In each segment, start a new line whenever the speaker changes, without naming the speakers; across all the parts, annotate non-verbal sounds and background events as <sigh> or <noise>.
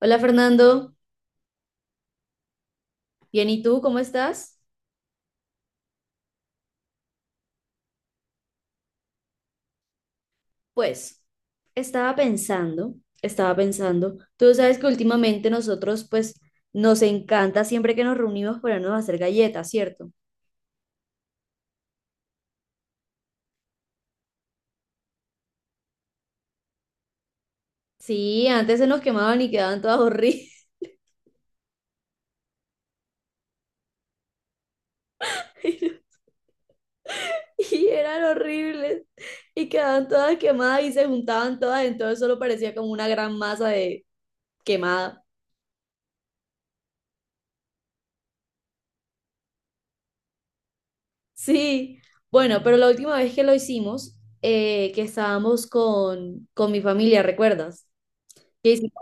Hola Fernando, bien, ¿y tú cómo estás? Pues estaba pensando, estaba pensando, tú sabes que últimamente nosotros pues nos encanta siempre que nos reunimos ponernos a hacer galletas, ¿cierto? Sí, antes se nos quemaban y quedaban todas horribles. <laughs> Y eran horribles y quedaban todas quemadas y se juntaban todas, entonces solo parecía como una gran masa de quemada. Sí, bueno, pero la última vez que lo hicimos, que estábamos con mi familia, ¿recuerdas? que hicimos,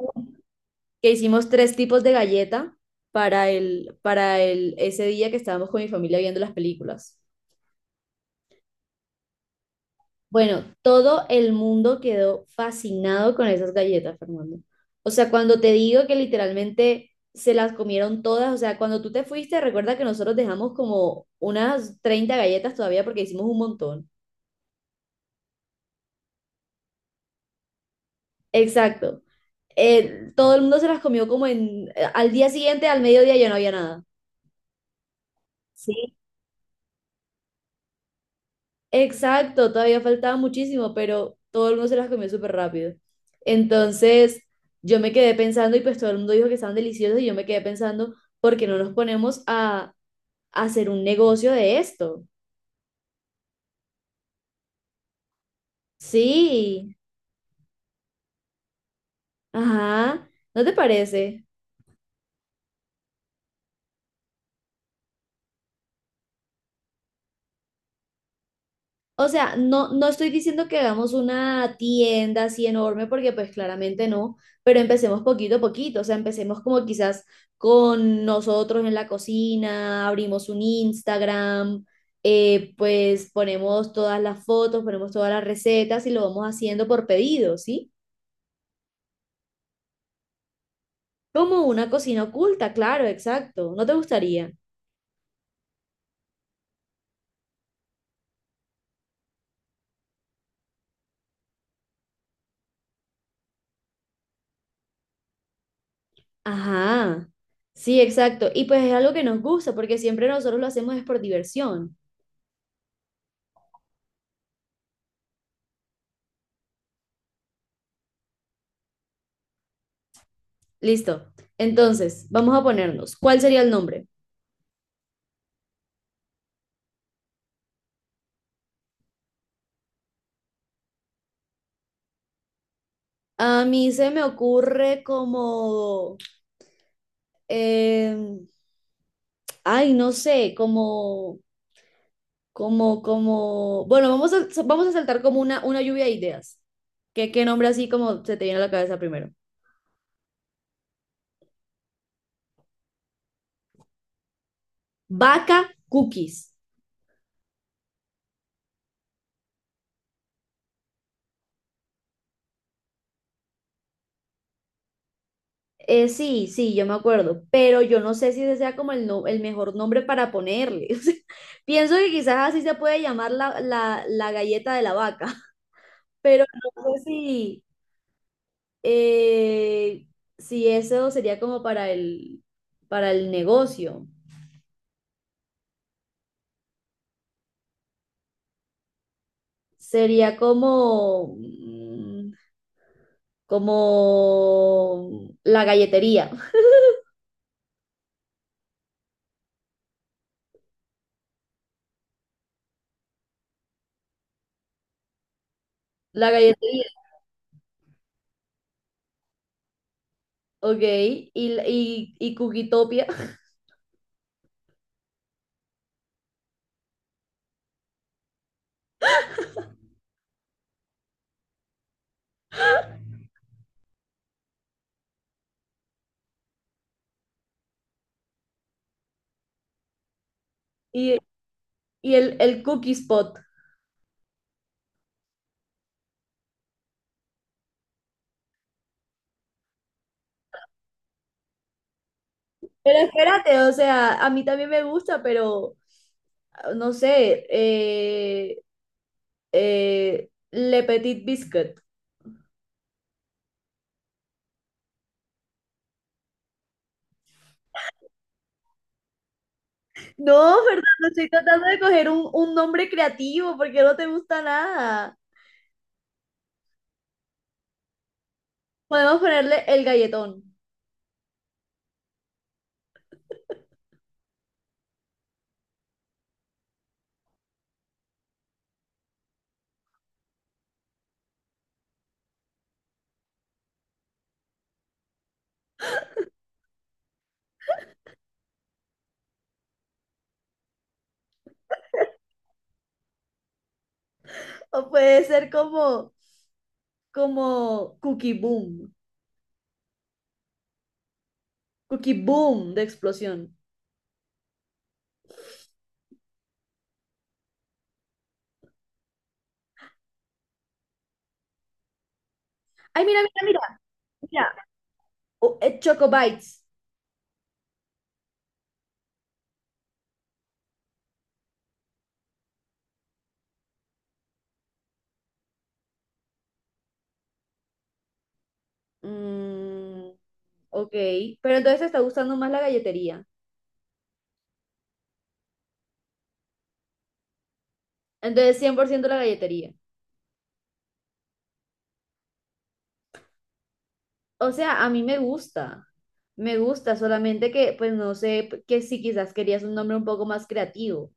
que hicimos tres tipos de galleta ese día que estábamos con mi familia viendo las películas. Bueno, todo el mundo quedó fascinado con esas galletas, Fernando. O sea, cuando te digo que literalmente se las comieron todas, o sea, cuando tú te fuiste, recuerda que nosotros dejamos como unas 30 galletas todavía porque hicimos un montón. Exacto. Todo el mundo se las comió como al día siguiente, al mediodía ya no había nada. Sí. Exacto, todavía faltaba muchísimo, pero todo el mundo se las comió súper rápido. Entonces, yo me quedé pensando y pues todo el mundo dijo que estaban deliciosos y yo me quedé pensando, ¿por qué no nos ponemos a hacer un negocio de esto? Sí, ajá, ¿no te parece? O sea, no, no estoy diciendo que hagamos una tienda así enorme, porque pues claramente no, pero empecemos poquito a poquito, o sea, empecemos como quizás con nosotros en la cocina, abrimos un Instagram, pues ponemos todas las fotos, ponemos todas las recetas y lo vamos haciendo por pedido, ¿sí? Como una cocina oculta, claro, exacto, ¿no te gustaría? Ajá, sí, exacto, y pues es algo que nos gusta, porque siempre nosotros lo hacemos es por diversión. Listo. Entonces, vamos a ponernos. ¿Cuál sería el nombre? A mí se me ocurre como, eh, ay, no sé, bueno, vamos a saltar como una lluvia de ideas. ¿Qué nombre así como se te viene a la cabeza primero? Vaca Cookies. Sí, sí, yo me acuerdo, pero yo no sé si ese sea como el, no- el mejor nombre para ponerle. <laughs> O sea, pienso que quizás así se puede llamar la galleta de la vaca. Pero no sé eh, si eso sería como para el negocio. Sería como la galletería. La galletería, ok. Y Cookietopia. <laughs> Y, y el Cookie Spot. Pero espérate, o sea, a mí también me gusta, pero ah, no sé, Le Petit Biscuit. No, Fernando, estoy tratando de coger un nombre creativo porque no te gusta nada. Podemos ponerle el galletón. O puede ser como Cookie Boom. Cookie Boom de explosión. Ay, mira, mira, mira. Mira, Choco Bites. Mm, ok, pero entonces te está gustando más la galletería. Entonces, 100% la galletería. O sea, a mí me gusta. Me gusta, solamente que, pues no sé, que si quizás querías un nombre un poco más creativo.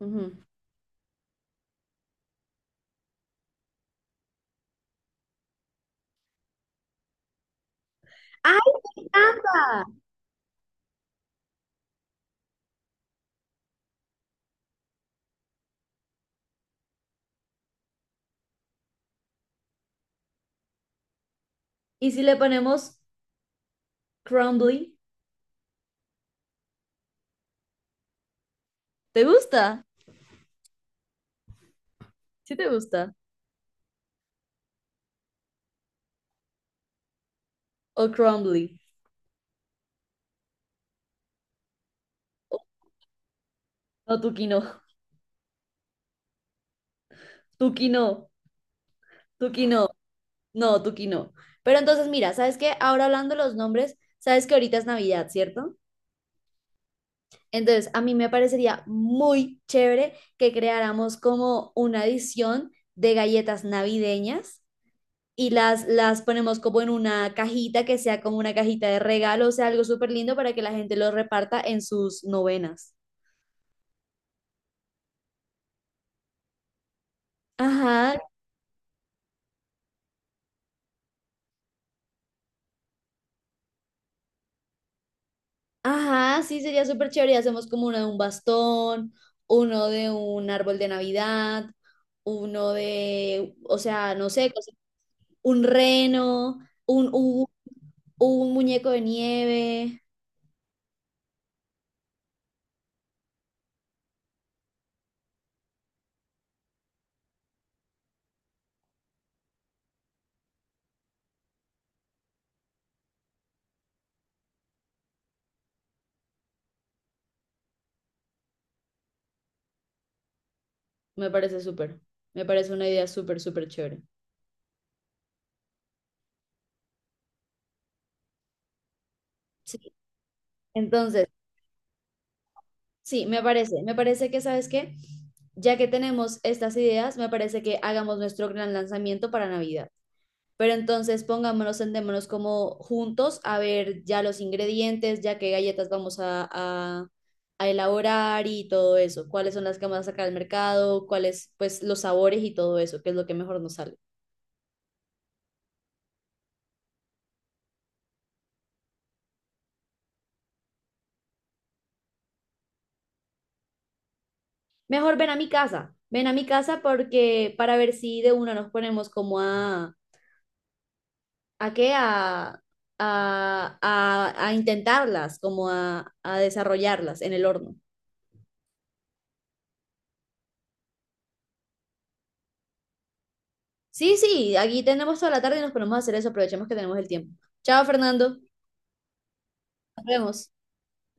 Ujú. ¡Ay, anda! ¿Y si le ponemos crumbly? ¿Te gusta? ¿Sí te gusta? ¿O crumbly? O- No, tuki no, tuki no, tuki no, no, tuki no. Pero entonces, mira, ¿sabes qué? Ahora hablando de los nombres, sabes que ahorita es Navidad, ¿cierto? Entonces, a mí me parecería muy chévere que creáramos como una edición de galletas navideñas y las ponemos como en una cajita que sea como una cajita de regalo, o sea, algo súper lindo para que la gente lo reparta en sus novenas. Ajá, ajá, sí, sería súper chévere. Y hacemos como uno de un bastón, uno de un árbol de Navidad, uno de, o sea, no sé, cosas- un reno, un, un, un muñeco de nieve. Me parece súper, me parece una idea súper, súper chévere. Sí. Entonces, sí, me parece que, ¿sabes qué? Ya que tenemos estas ideas, me parece que hagamos nuestro gran lanzamiento para Navidad. Pero entonces pongámonos, sentémonos como juntos a ver ya los ingredientes, ya qué galletas vamos a, a elaborar y todo eso. Cuáles son las que vamos a sacar al mercado, cuáles, pues, los sabores y todo eso, qué es lo que mejor nos sale. Mejor ven a mi casa, ven a mi casa porque para ver si de una nos ponemos como a ¿A qué? A intentarlas, como a desarrollarlas en el horno. Sí, sí, aquí tenemos toda la tarde y nos ponemos a hacer eso. Aprovechemos que tenemos el tiempo. Chao, Fernando. Nos vemos.